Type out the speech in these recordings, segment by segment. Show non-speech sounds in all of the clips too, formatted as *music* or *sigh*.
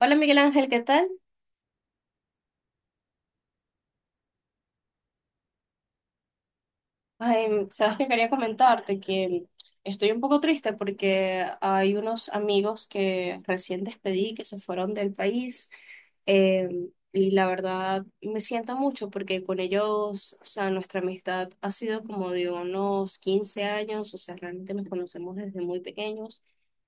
Hola Miguel Ángel, ¿qué tal? Ay, sabes que quería comentarte que estoy un poco triste porque hay unos amigos que recién despedí que se fueron del país, eh, y la verdad me siento mucho porque con ellos, o sea, nuestra amistad ha sido como de unos 15 años, o sea, realmente nos conocemos desde muy pequeños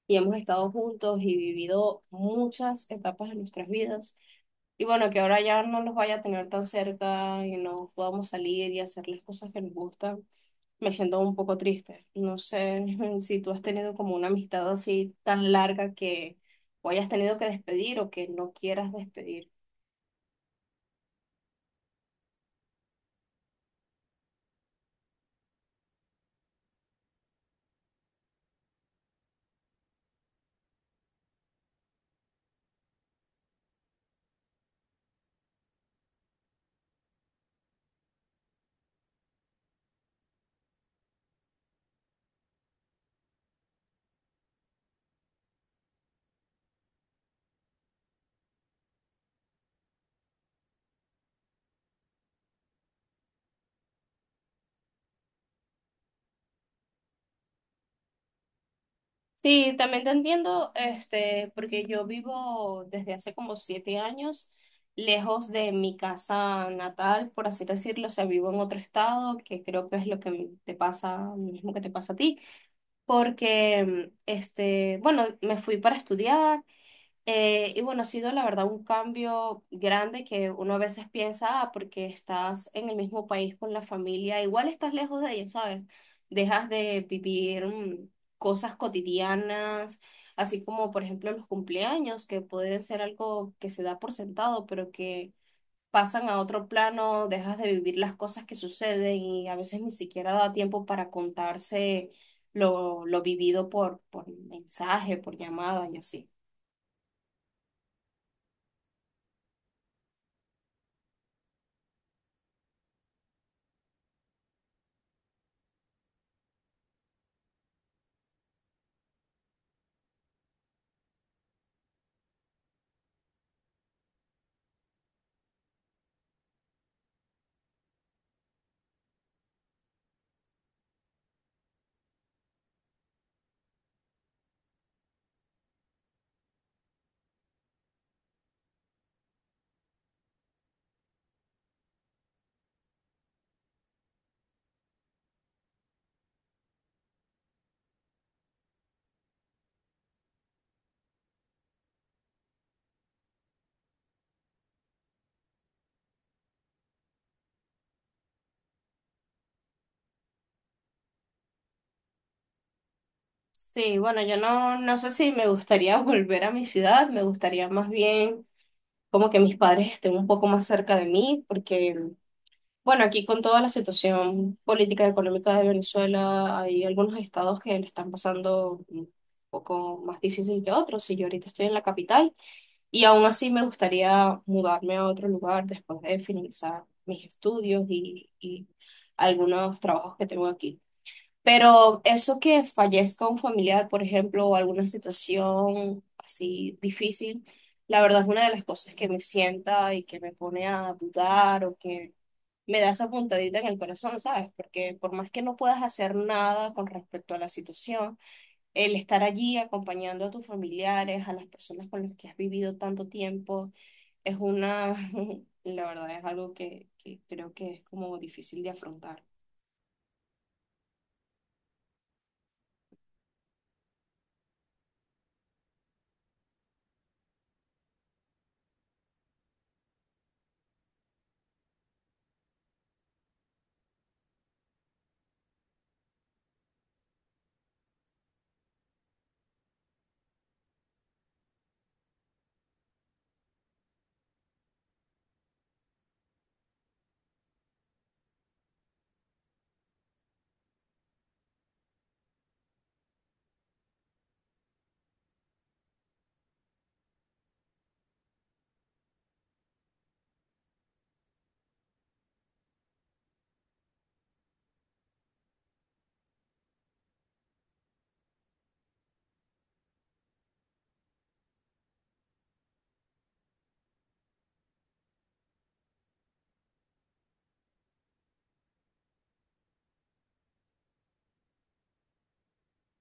y hemos estado juntos y vivido muchas etapas de nuestras vidas. Y bueno, que ahora ya no los vaya a tener tan cerca y no podamos salir y hacerles cosas que nos gustan, me siento un poco triste. No sé *laughs* si tú has tenido como una amistad así tan larga que o hayas tenido que despedir o que no quieras despedir. Sí, también te entiendo, este, porque yo vivo desde hace como 7 años lejos de mi casa natal, por así decirlo, o sea, vivo en otro estado, que creo que es lo que te pasa, lo mismo que te pasa a ti porque, este, bueno, me fui para estudiar, y bueno, ha sido la verdad un cambio grande que uno a veces piensa, ah, porque estás en el mismo país con la familia, igual estás lejos de ella, ¿sabes? Dejas de vivir cosas cotidianas, así como por ejemplo los cumpleaños, que pueden ser algo que se da por sentado, pero que pasan a otro plano, dejas de vivir las cosas que suceden y a veces ni siquiera da tiempo para contarse lo vivido por mensaje, por llamada y así. Sí, bueno, yo no sé si me gustaría *laughs* volver a mi ciudad, me gustaría más bien como que mis padres estén un poco más cerca de mí, porque, bueno, aquí con toda la situación política y económica de Venezuela, hay algunos estados que lo están pasando un poco más difícil que otros, y yo ahorita estoy en la capital. Y aún así me gustaría mudarme a otro lugar después de finalizar mis estudios y algunos trabajos que tengo aquí. Pero eso que fallezca un familiar, por ejemplo, o alguna situación así difícil, la verdad es una de las cosas que me sienta y que me pone a dudar o que me da esa puntadita en el corazón, ¿sabes? Porque por más que no puedas hacer nada con respecto a la situación, el estar allí acompañando a tus familiares, a las personas con las que has vivido tanto tiempo, es una, *laughs* la verdad es algo que creo que es como difícil de afrontar.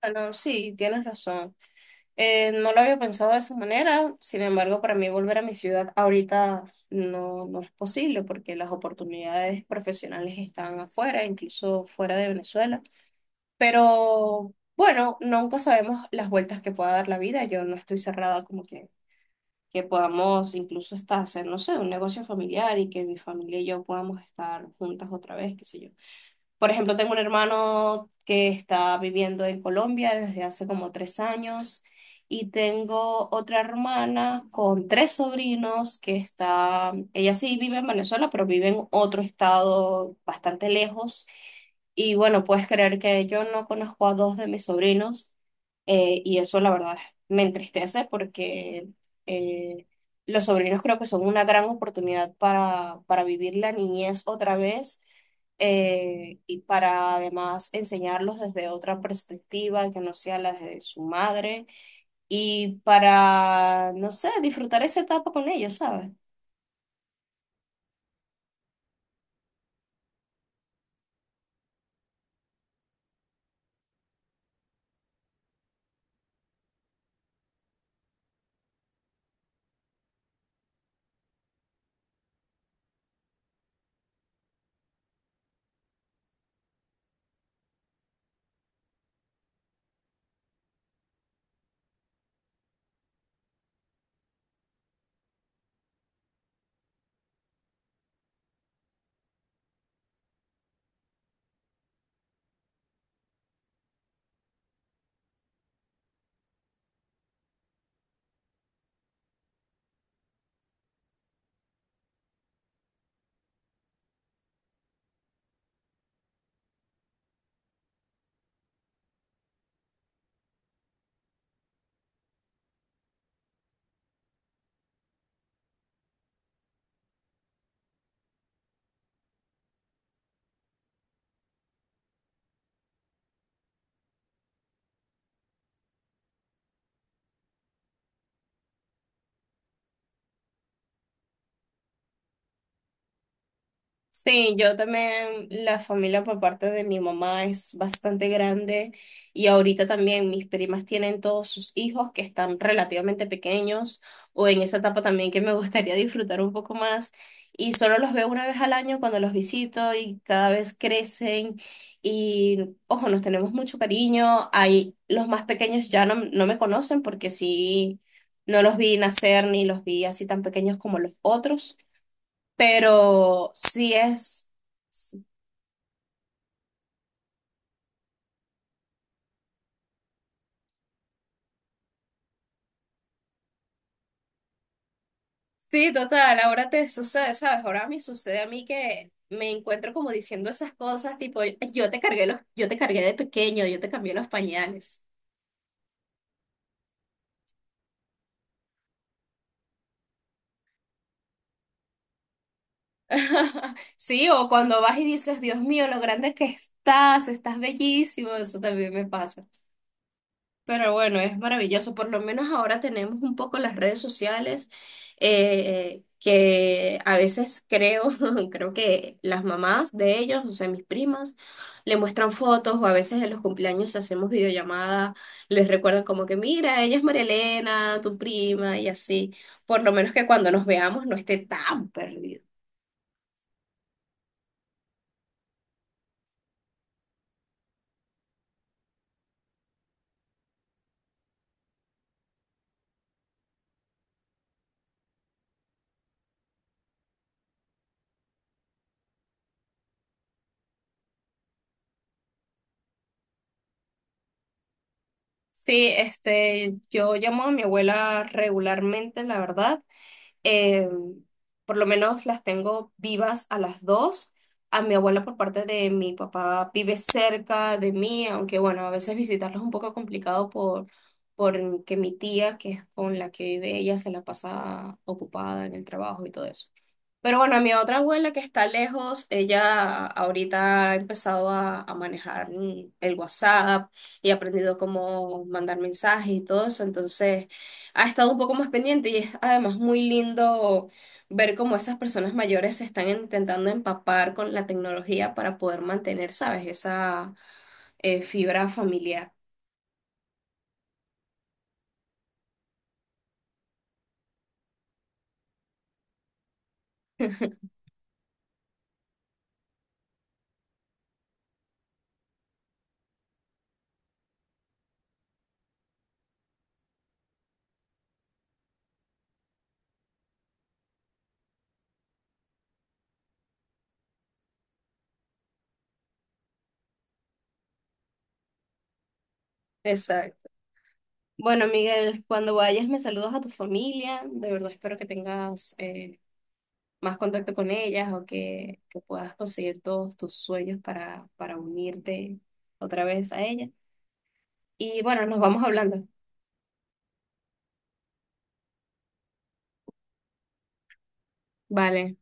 Bueno, sí, tienes razón. No lo había pensado de esa manera, sin embargo, para mí volver a mi ciudad ahorita no es posible porque las oportunidades profesionales están afuera, incluso fuera de Venezuela. Pero bueno, nunca sabemos las vueltas que pueda dar la vida. Yo no estoy cerrada como que podamos incluso hasta hacer, no sé, un negocio familiar y que mi familia y yo podamos estar juntas otra vez, qué sé yo. Por ejemplo, tengo un hermano que está viviendo en Colombia desde hace como 3 años y tengo otra hermana con 3 sobrinos que está, ella sí vive en Venezuela, pero vive en otro estado bastante lejos. Y bueno, puedes creer que yo no conozco a 2 de mis sobrinos, y eso la verdad me entristece porque eh, los sobrinos creo que son una gran oportunidad para vivir la niñez otra vez, y para además enseñarlos desde otra perspectiva que no sea la de su madre y para, no sé, disfrutar esa etapa con ellos, ¿sabes? Sí, yo también, la familia por parte de mi mamá es bastante grande y ahorita también mis primas tienen todos sus hijos que están relativamente pequeños o en esa etapa también que me *laughs* gustaría disfrutar un poco más y solo los veo una vez al año cuando los visito y cada vez crecen y ojo, nos tenemos mucho cariño. Hay los más pequeños ya no me conocen porque sí, no los vi nacer ni los vi así tan pequeños como los otros, pero sí es, sí, total, ahora te sucede, ¿sabes? Ahora me sucede a mí que me encuentro como diciendo esas cosas, tipo, yo te cargué los, yo te cargué de pequeño, yo te cambié los pañales. *laughs* Sí, o cuando vas y dices, Dios mío, lo grande que estás, estás bellísimo, eso también me pasa. Pero bueno, es maravilloso. Por lo menos ahora tenemos un poco las redes sociales, que a veces creo, *laughs* creo que las mamás de ellos, o sea, mis primas, le muestran fotos o a veces en los cumpleaños hacemos videollamada, les recuerdan como que, mira, ella es María Elena, tu prima y así. Por lo menos que cuando nos veamos no esté tan perdido. Sí, este, yo llamo a mi abuela regularmente, la verdad. Eh, por lo menos las tengo vivas a las dos. A mi abuela por parte de mi papá vive cerca de mí, aunque bueno, a veces visitarlos es un poco complicado porque mi tía, que es con la que vive ella, se la pasa ocupada en el trabajo y todo eso. Pero bueno, a mi otra abuela que está lejos, ella ahorita ha empezado a manejar el WhatsApp y ha aprendido cómo mandar mensajes y todo eso, entonces ha estado un poco más pendiente y es además muy lindo ver cómo esas personas mayores se están intentando empapar con la tecnología para poder mantener, ¿sabes? Esa, fibra familiar. Exacto. Bueno, Miguel, cuando vayas me saludas a tu familia. De verdad espero que tengas, más contacto con ellas o que, puedas conseguir todos tus sueños para unirte otra vez a ella. Y bueno, nos vamos hablando. Vale.